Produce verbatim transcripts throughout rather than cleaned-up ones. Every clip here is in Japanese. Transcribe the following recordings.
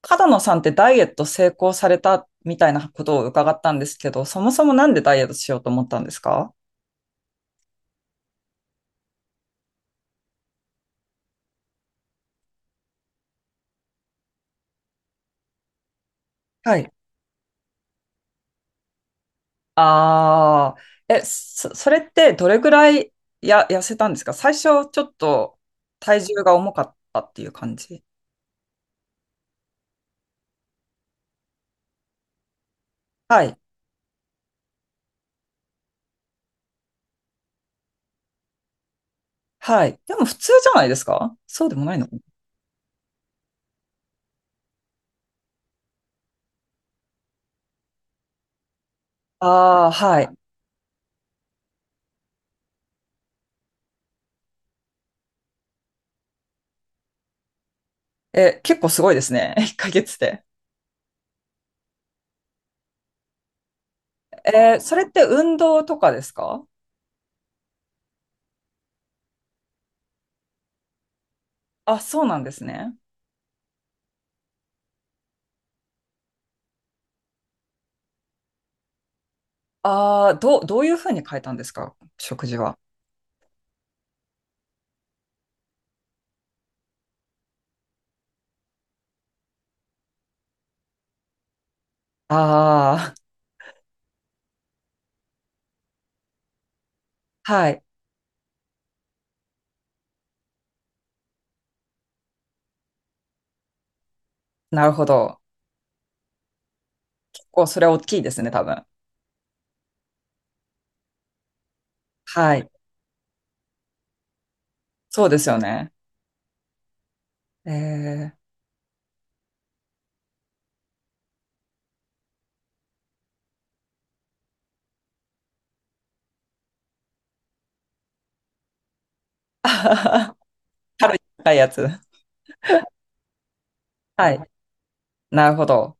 角野さんってダイエット成功されたみたいなことを伺ったんですけど、そもそもなんでダイエットしようと思ったんですか？はい。ああ。え、そ、それってどれぐらいや、痩せたんですか、最初。ちょっと体重が重かったっていう感じ。はい。はい。でも普通じゃないですか？そうでもないの？ああー、はい。え、結構すごいですね。いっかげつで。えー、それって運動とかですか？あ、そうなんですね。ああ、どう、どういうふうに変えたんですか、食事は。ああ、はい。なるほど。結構それは大きいですね、多分。はい。そうですよね。えー。あはは。 軽い高いやつ。はい。なるほど。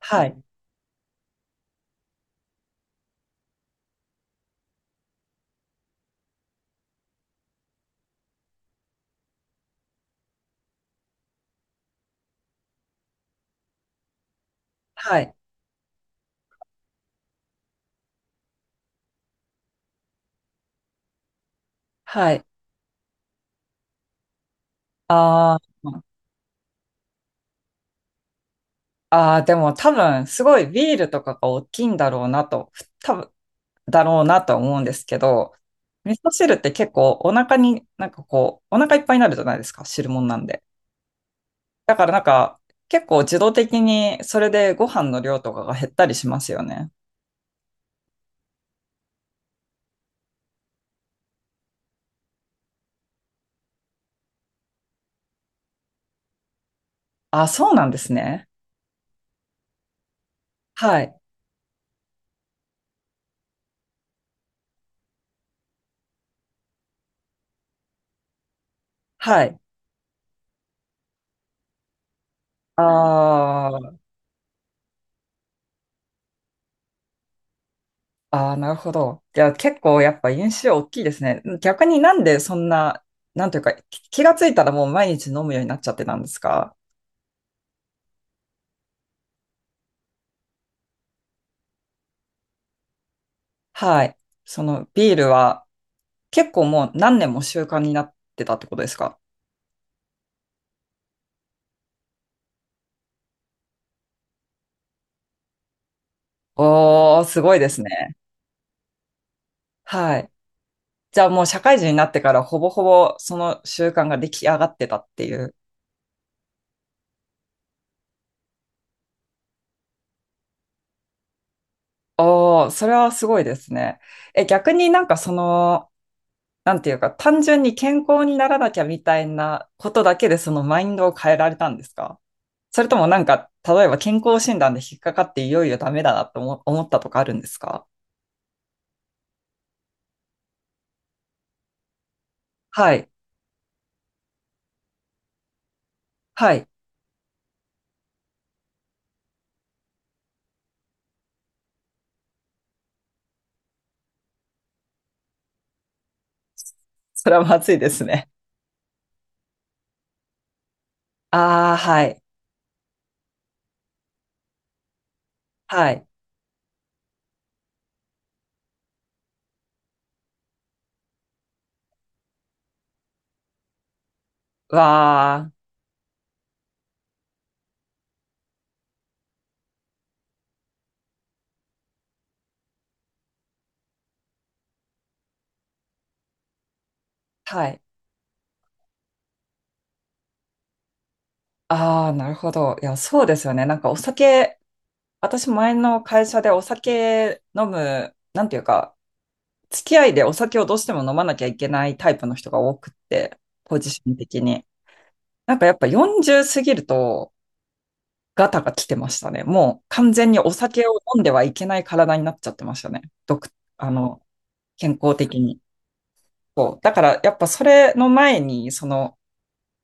はい。はい。はい。あー。あー、でも多分、すごいビールとかが大きいんだろうなと、多分、だろうなと思うんですけど、味噌汁って結構お腹に、なんかこう、お腹いっぱいになるじゃないですか、汁物なんで。だからなんか、結構自動的にそれでご飯の量とかが減ったりしますよね。あ、そうなんですね。はい。はい。あー。あー、なるほど。じゃあ結構やっぱ印象大きいですね。逆になんでそんな、なんというか、き気がついたらもう毎日飲むようになっちゃってたんですか？はい。そのビールは結構もう何年も習慣になってたってことですか？おー、すごいですね。はい。じゃあもう社会人になってからほぼほぼその習慣が出来上がってたっていう。おー、それはすごいですね。え、逆になんかその、なんていうか、単純に健康にならなきゃみたいなことだけでそのマインドを変えられたんですか？それともなんか、例えば健康診断で引っかかっていよいよダメだなと思思ったとかあるんですか？はい。はい。それはまずいですね。ああ、はい。はい。わあ。はい。ああ、なるほど。いや、そうですよね。なんかお酒、私前の会社でお酒飲む、なんていうか、付き合いでお酒をどうしても飲まなきゃいけないタイプの人が多くって、ポジション的に。なんかやっぱよんじゅう過ぎるとガタが来てましたね。もう完全にお酒を飲んではいけない体になっちゃってましたね。どく、あの、健康的に。そう。だからやっぱそれの前に、その、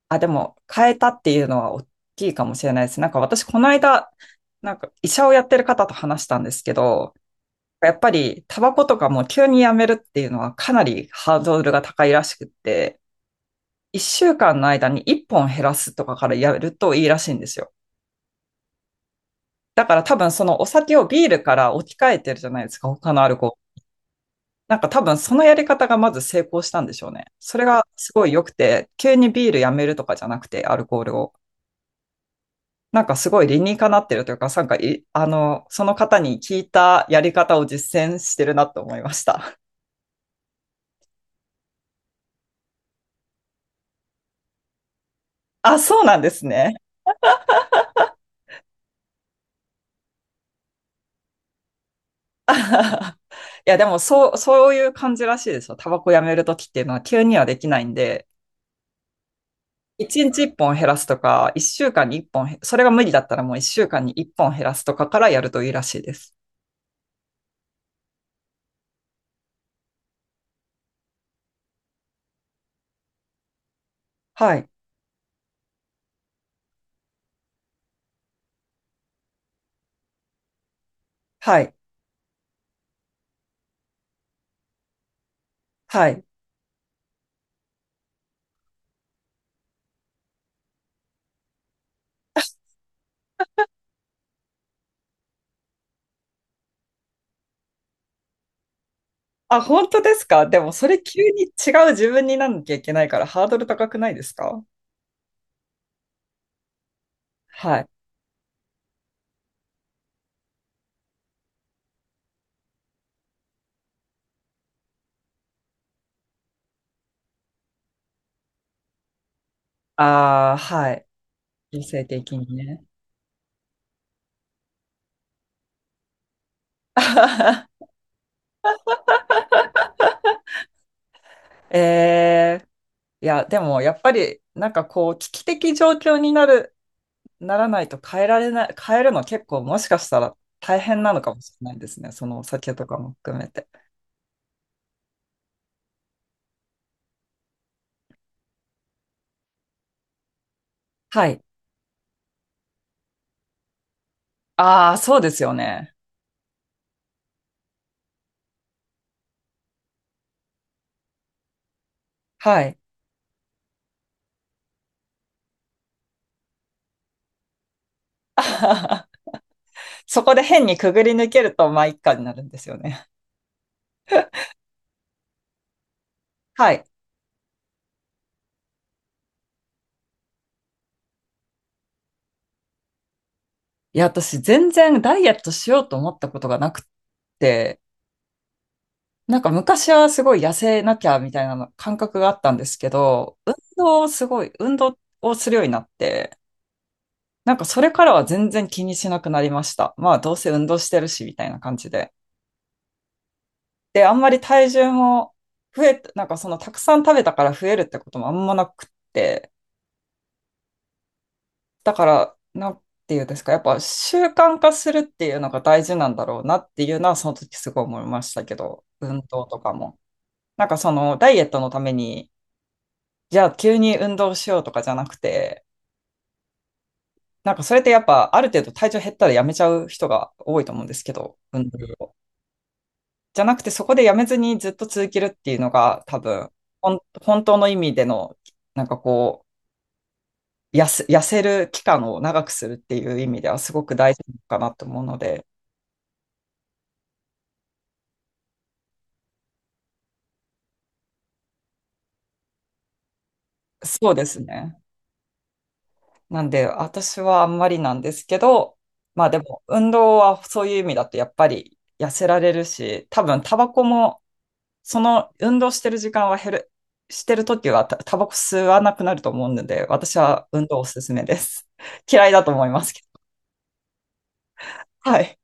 あ、でも変えたっていうのは大きいかもしれないです。なんか私この間、なんか医者をやってる方と話したんですけど、やっぱりタバコとかも急にやめるっていうのはかなりハードルが高いらしくって、いっしゅうかんの間にいっぽん減らすとかからやるといいらしいんですよ。だから多分そのお酒をビールから置き換えてるじゃないですか、他のアルコール。なんか多分そのやり方がまず成功したんでしょうね。それがすごい良くて、急にビールやめるとかじゃなくて、アルコールを。なんかすごい理にかなってるというか、なんかい、あの、その方に聞いたやり方を実践してるなと思いました。あ、そうなんですね。いや、でもそう、そういう感じらしいですよ。タバコやめるときっていうのは急にはできないんで、一日一本減らすとか、一週間に一本へ、それが無理だったらもう一週間に一本減らすとかからやるといいらしいです。はい。はい。はい。あ、本当ですか？でもそれ急に違う自分になんなきゃいけないからハードル高くないですか？はい。ああ、はい。女性的にね。えー。いや、でもやっぱり、なんかこう、危機的状況になる、ならないと変えられない、変えるの結構もしかしたら大変なのかもしれないですね。そのお酒とかも含めて。はい。ああ、そうですよね。はい。そこで変にくぐり抜けると、まあ、一家になるんですよね。はい。いや、私、全然ダイエットしようと思ったことがなくって、なんか昔はすごい痩せなきゃみたいなの感覚があったんですけど、運動をすごい、運動をするようになって、なんかそれからは全然気にしなくなりました。まあ、どうせ運動してるし、みたいな感じで。で、あんまり体重も増え、なんかそのたくさん食べたから増えるってこともあんまなくって、だから、なんていうんですか、やっぱ習慣化するっていうのが大事なんだろうなっていうのは、その時すごい思いましたけど、運動とかも。なんかそのダイエットのために、じゃあ急に運動しようとかじゃなくて、なんかそれってやっぱある程度体重減ったらやめちゃう人が多いと思うんですけど、運動を。じゃなくてそこでやめずにずっと続けるっていうのが多分、ほん本当の意味での、なんかこう、痩せ、痩せる期間を長くするっていう意味ではすごく大事なのかなと思うので、そうですね。なんで、私はあんまりなんですけど、まあでも、運動はそういう意味だとやっぱり痩せられるし、多分タバコも、その運動してる時間は減る、してる時はタ、タバコ吸わなくなると思うので、私は運動おすすめです。嫌いだと思いますけど。はい。